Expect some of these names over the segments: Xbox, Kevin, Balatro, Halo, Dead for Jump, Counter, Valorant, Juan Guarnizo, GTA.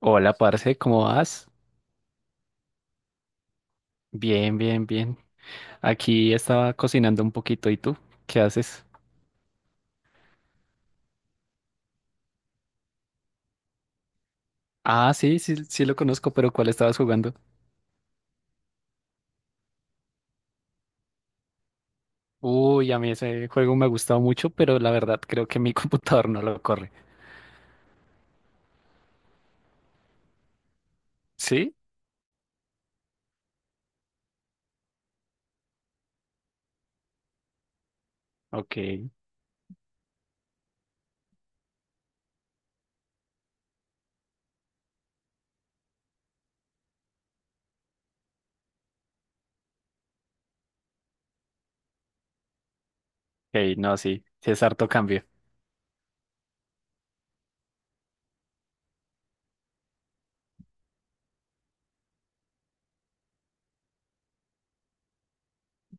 Hola, parce, ¿cómo vas? Bien, bien, bien. Aquí estaba cocinando un poquito. ¿Y tú? ¿Qué haces? Ah, sí, sí, sí lo conozco, pero ¿cuál estabas jugando? Uy, a mí ese juego me ha gustado mucho, pero la verdad creo que mi computador no lo corre. ¿Sí? Ok. Ok, no, sí, sí es harto cambio.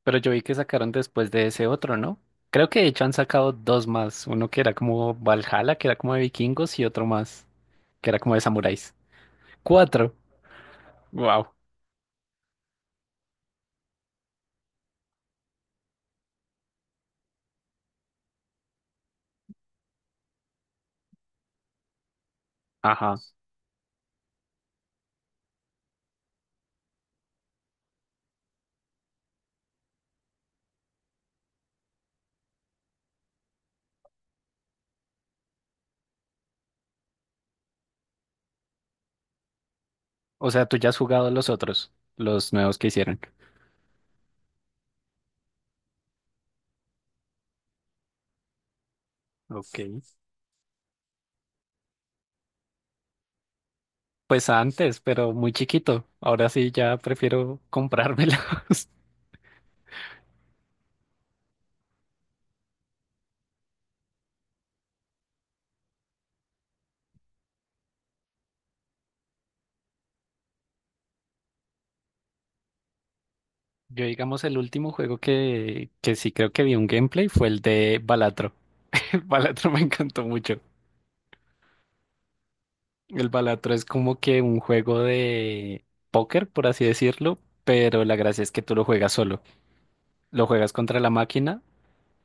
Pero yo vi que sacaron después de ese otro, ¿no? Creo que de hecho han sacado dos más. Uno que era como Valhalla, que era como de vikingos, y otro más, que era como de samuráis. Cuatro. Wow. Ajá. O sea, tú ya has jugado los otros, los nuevos que hicieron. Ok. Pues antes, pero muy chiquito. Ahora sí ya prefiero comprármelos. Yo, digamos, el último juego que sí creo que vi un gameplay fue el de Balatro. El Balatro me encantó mucho. El Balatro es como que un juego de póker, por así decirlo, pero la gracia es que tú lo juegas solo. Lo juegas contra la máquina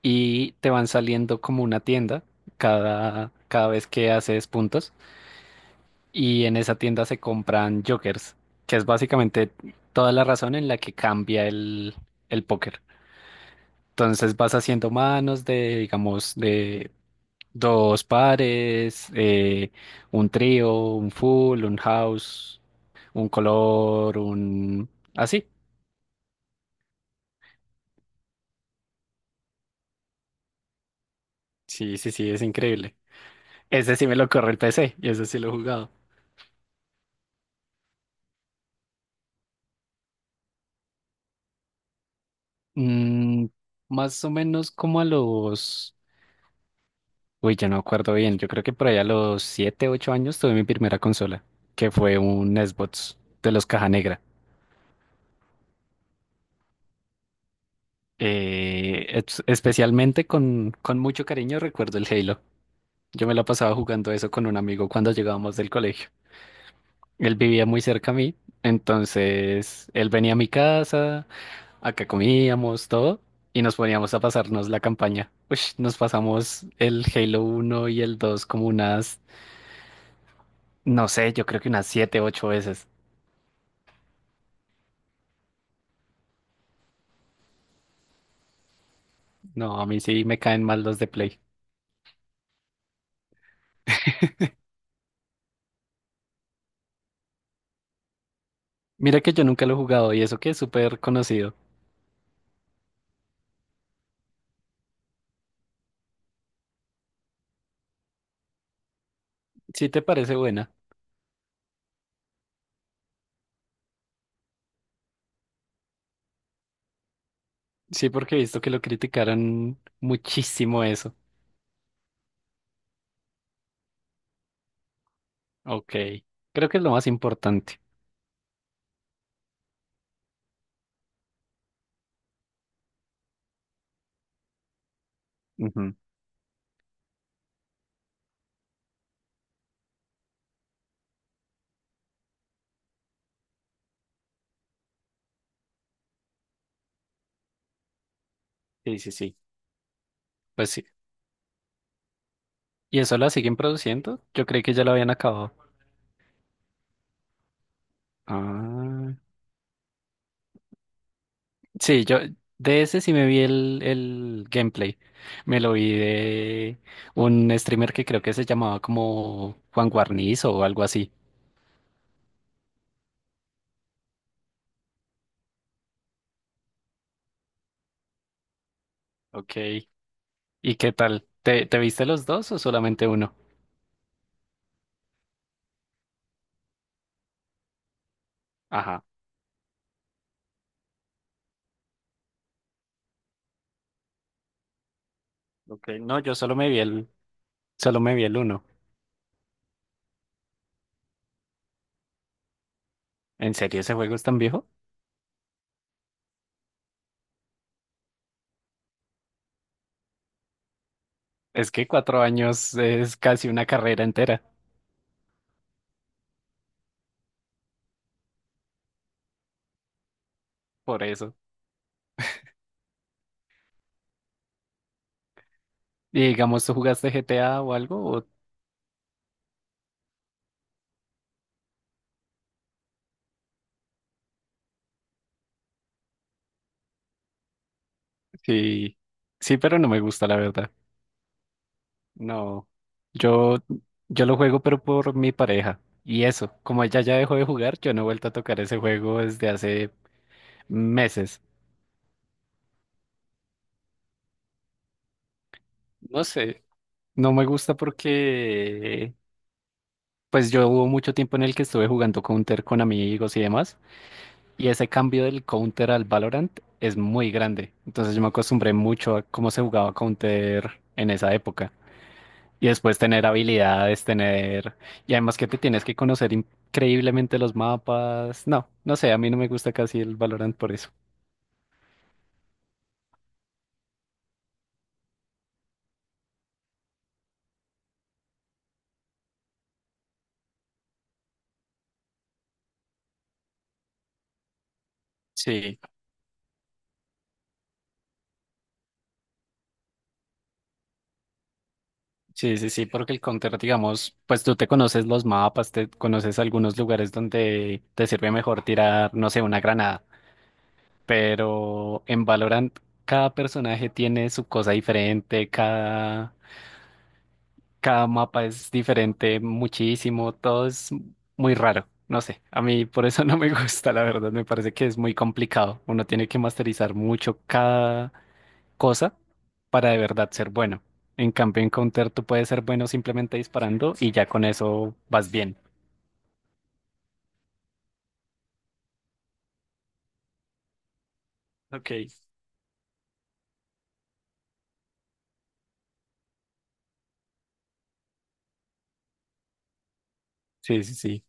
y te van saliendo como una tienda cada vez que haces puntos. Y en esa tienda se compran jokers, que es básicamente toda la razón en la que cambia el póker. Entonces vas haciendo manos de, digamos, de dos pares, un trío, un full, un house, un color, un... Así. Sí, sí, sí, es increíble. Ese sí me lo corre el PC y ese sí lo he jugado. Mm, más o menos como a los... Uy, yo no acuerdo bien. Yo creo que por allá a los 7, 8 años tuve mi primera consola, que fue un Xbox de los Caja Negra. Especialmente con mucho cariño recuerdo el Halo. Yo me la pasaba jugando eso con un amigo cuando llegábamos del colegio. Él vivía muy cerca a mí, entonces él venía a mi casa, acá comíamos todo y nos poníamos a pasarnos la campaña. Uy, nos pasamos el Halo uno y el 2 como unas, no sé, yo creo que unas 7, 8 veces. No, a mí sí me caen mal los de Play. Mira que yo nunca lo he jugado y eso que es súper conocido. ¿Sí te parece buena? Sí, porque he visto que lo criticaron muchísimo eso. Ok, creo que es lo más importante. Ujú. Sí, sí, sí. Pues sí. ¿Y eso la siguen produciendo? Yo creí que ya lo habían acabado. Ah, sí, yo de ese sí me vi el gameplay. Me lo vi de un streamer que creo que se llamaba como Juan Guarnizo o algo así. Ok. ¿Y qué tal? Te viste los dos o solamente uno? Ajá, ok. No, yo solo me vi el uno. ¿En serio ese juego es tan viejo? Es que 4 años es casi una carrera entera, por eso. Y digamos, ¿tú jugaste GTA o algo? ¿O... Sí, sí, pero no me gusta, la verdad. No, yo, yo lo juego, pero por mi pareja. Y eso, como ella ya dejó de jugar, yo no he vuelto a tocar ese juego desde hace meses. No sé, no me gusta porque... Pues yo hubo mucho tiempo en el que estuve jugando Counter con amigos y demás, y ese cambio del Counter al Valorant es muy grande. Entonces yo me acostumbré mucho a cómo se jugaba Counter en esa época. Y después tener habilidades, tener... Y además que te tienes que conocer increíblemente los mapas. No, no sé, a mí no me gusta casi el Valorant por eso. Sí, sí, sí, sí, porque el counter, digamos, pues tú te conoces los mapas, te conoces algunos lugares donde te sirve mejor tirar, no sé, una granada. Pero en Valorant cada personaje tiene su cosa diferente, cada mapa es diferente muchísimo, todo es muy raro. No sé, a mí por eso no me gusta, la verdad, me parece que es muy complicado. Uno tiene que masterizar mucho cada cosa para de verdad ser bueno. En cambio, en Counter tú puedes ser bueno simplemente disparando y ya con eso vas bien. Ok. Sí, sí, sí.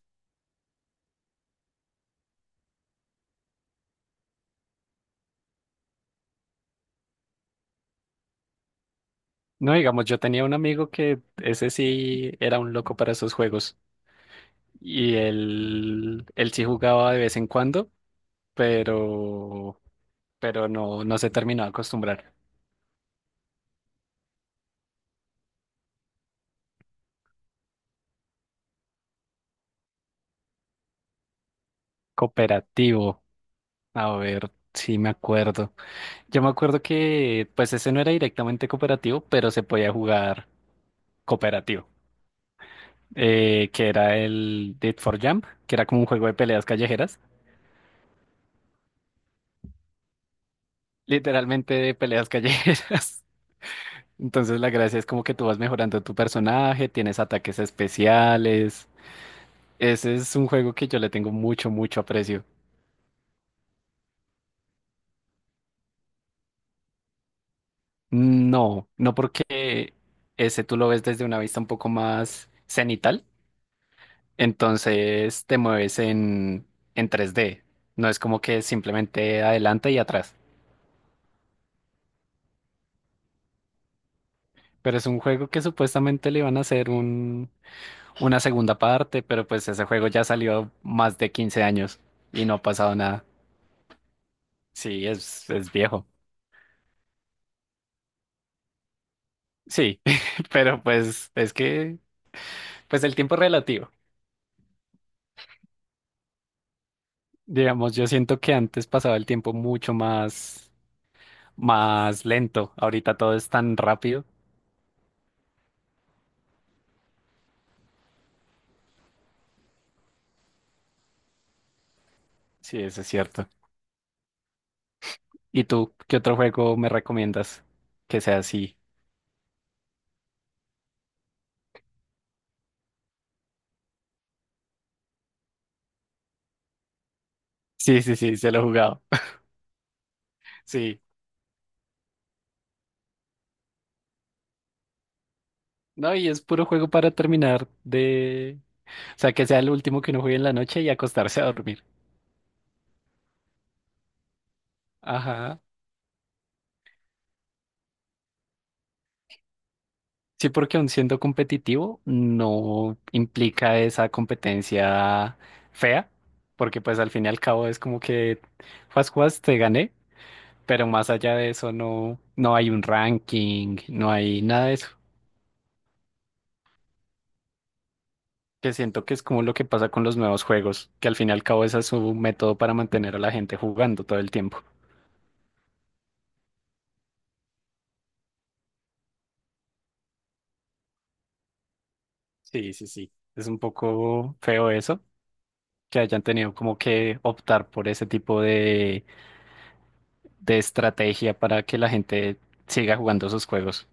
No, digamos, yo tenía un amigo que ese sí era un loco para esos juegos. Y él sí jugaba de vez en cuando, pero, no se terminó de acostumbrar. Cooperativo, a ver, sí me acuerdo. Yo me acuerdo que pues ese no era directamente cooperativo, pero se podía jugar cooperativo, que era el Dead for Jump, que era como un juego de peleas callejeras, literalmente de peleas callejeras. Entonces la gracia es como que tú vas mejorando tu personaje, tienes ataques especiales. Ese es un juego que yo le tengo mucho, mucho aprecio. No, no porque ese tú lo ves desde una vista un poco más cenital, entonces te mueves en 3D. No es como que simplemente adelante y atrás. Pero es un juego que supuestamente le iban a hacer una segunda parte, pero pues ese juego ya salió más de 15 años y no ha pasado nada. Sí, es viejo. Sí, pero pues el tiempo es relativo. Digamos, yo siento que antes pasaba el tiempo mucho más, más lento. Ahorita todo es tan rápido. Sí, eso es cierto. ¿Y tú, qué otro juego me recomiendas que sea así? Sí, sí, sí, se lo he jugado. Sí. No, y es puro juego para terminar de... O sea, que sea el último que uno juegue en la noche y acostarse a dormir. Ajá. Sí, porque aun siendo competitivo, no implica esa competencia fea, porque pues al fin y al cabo es como que, juas, juas, te gané. Pero más allá de eso, no, no hay un ranking, no hay nada de eso. Que siento que es como lo que pasa con los nuevos juegos, que al fin y al cabo ese es su método para mantener a la gente jugando todo el tiempo. Sí, sí, sí. Es un poco feo eso, que hayan tenido como que optar por ese tipo de estrategia para que la gente siga jugando sus juegos.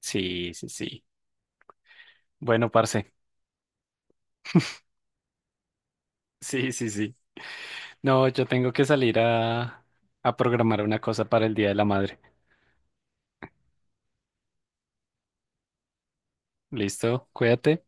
Sí, sí, sí. Bueno, parce. Sí, sí, sí. No, yo tengo que salir a programar una cosa para el Día de la Madre. Listo, cuídate.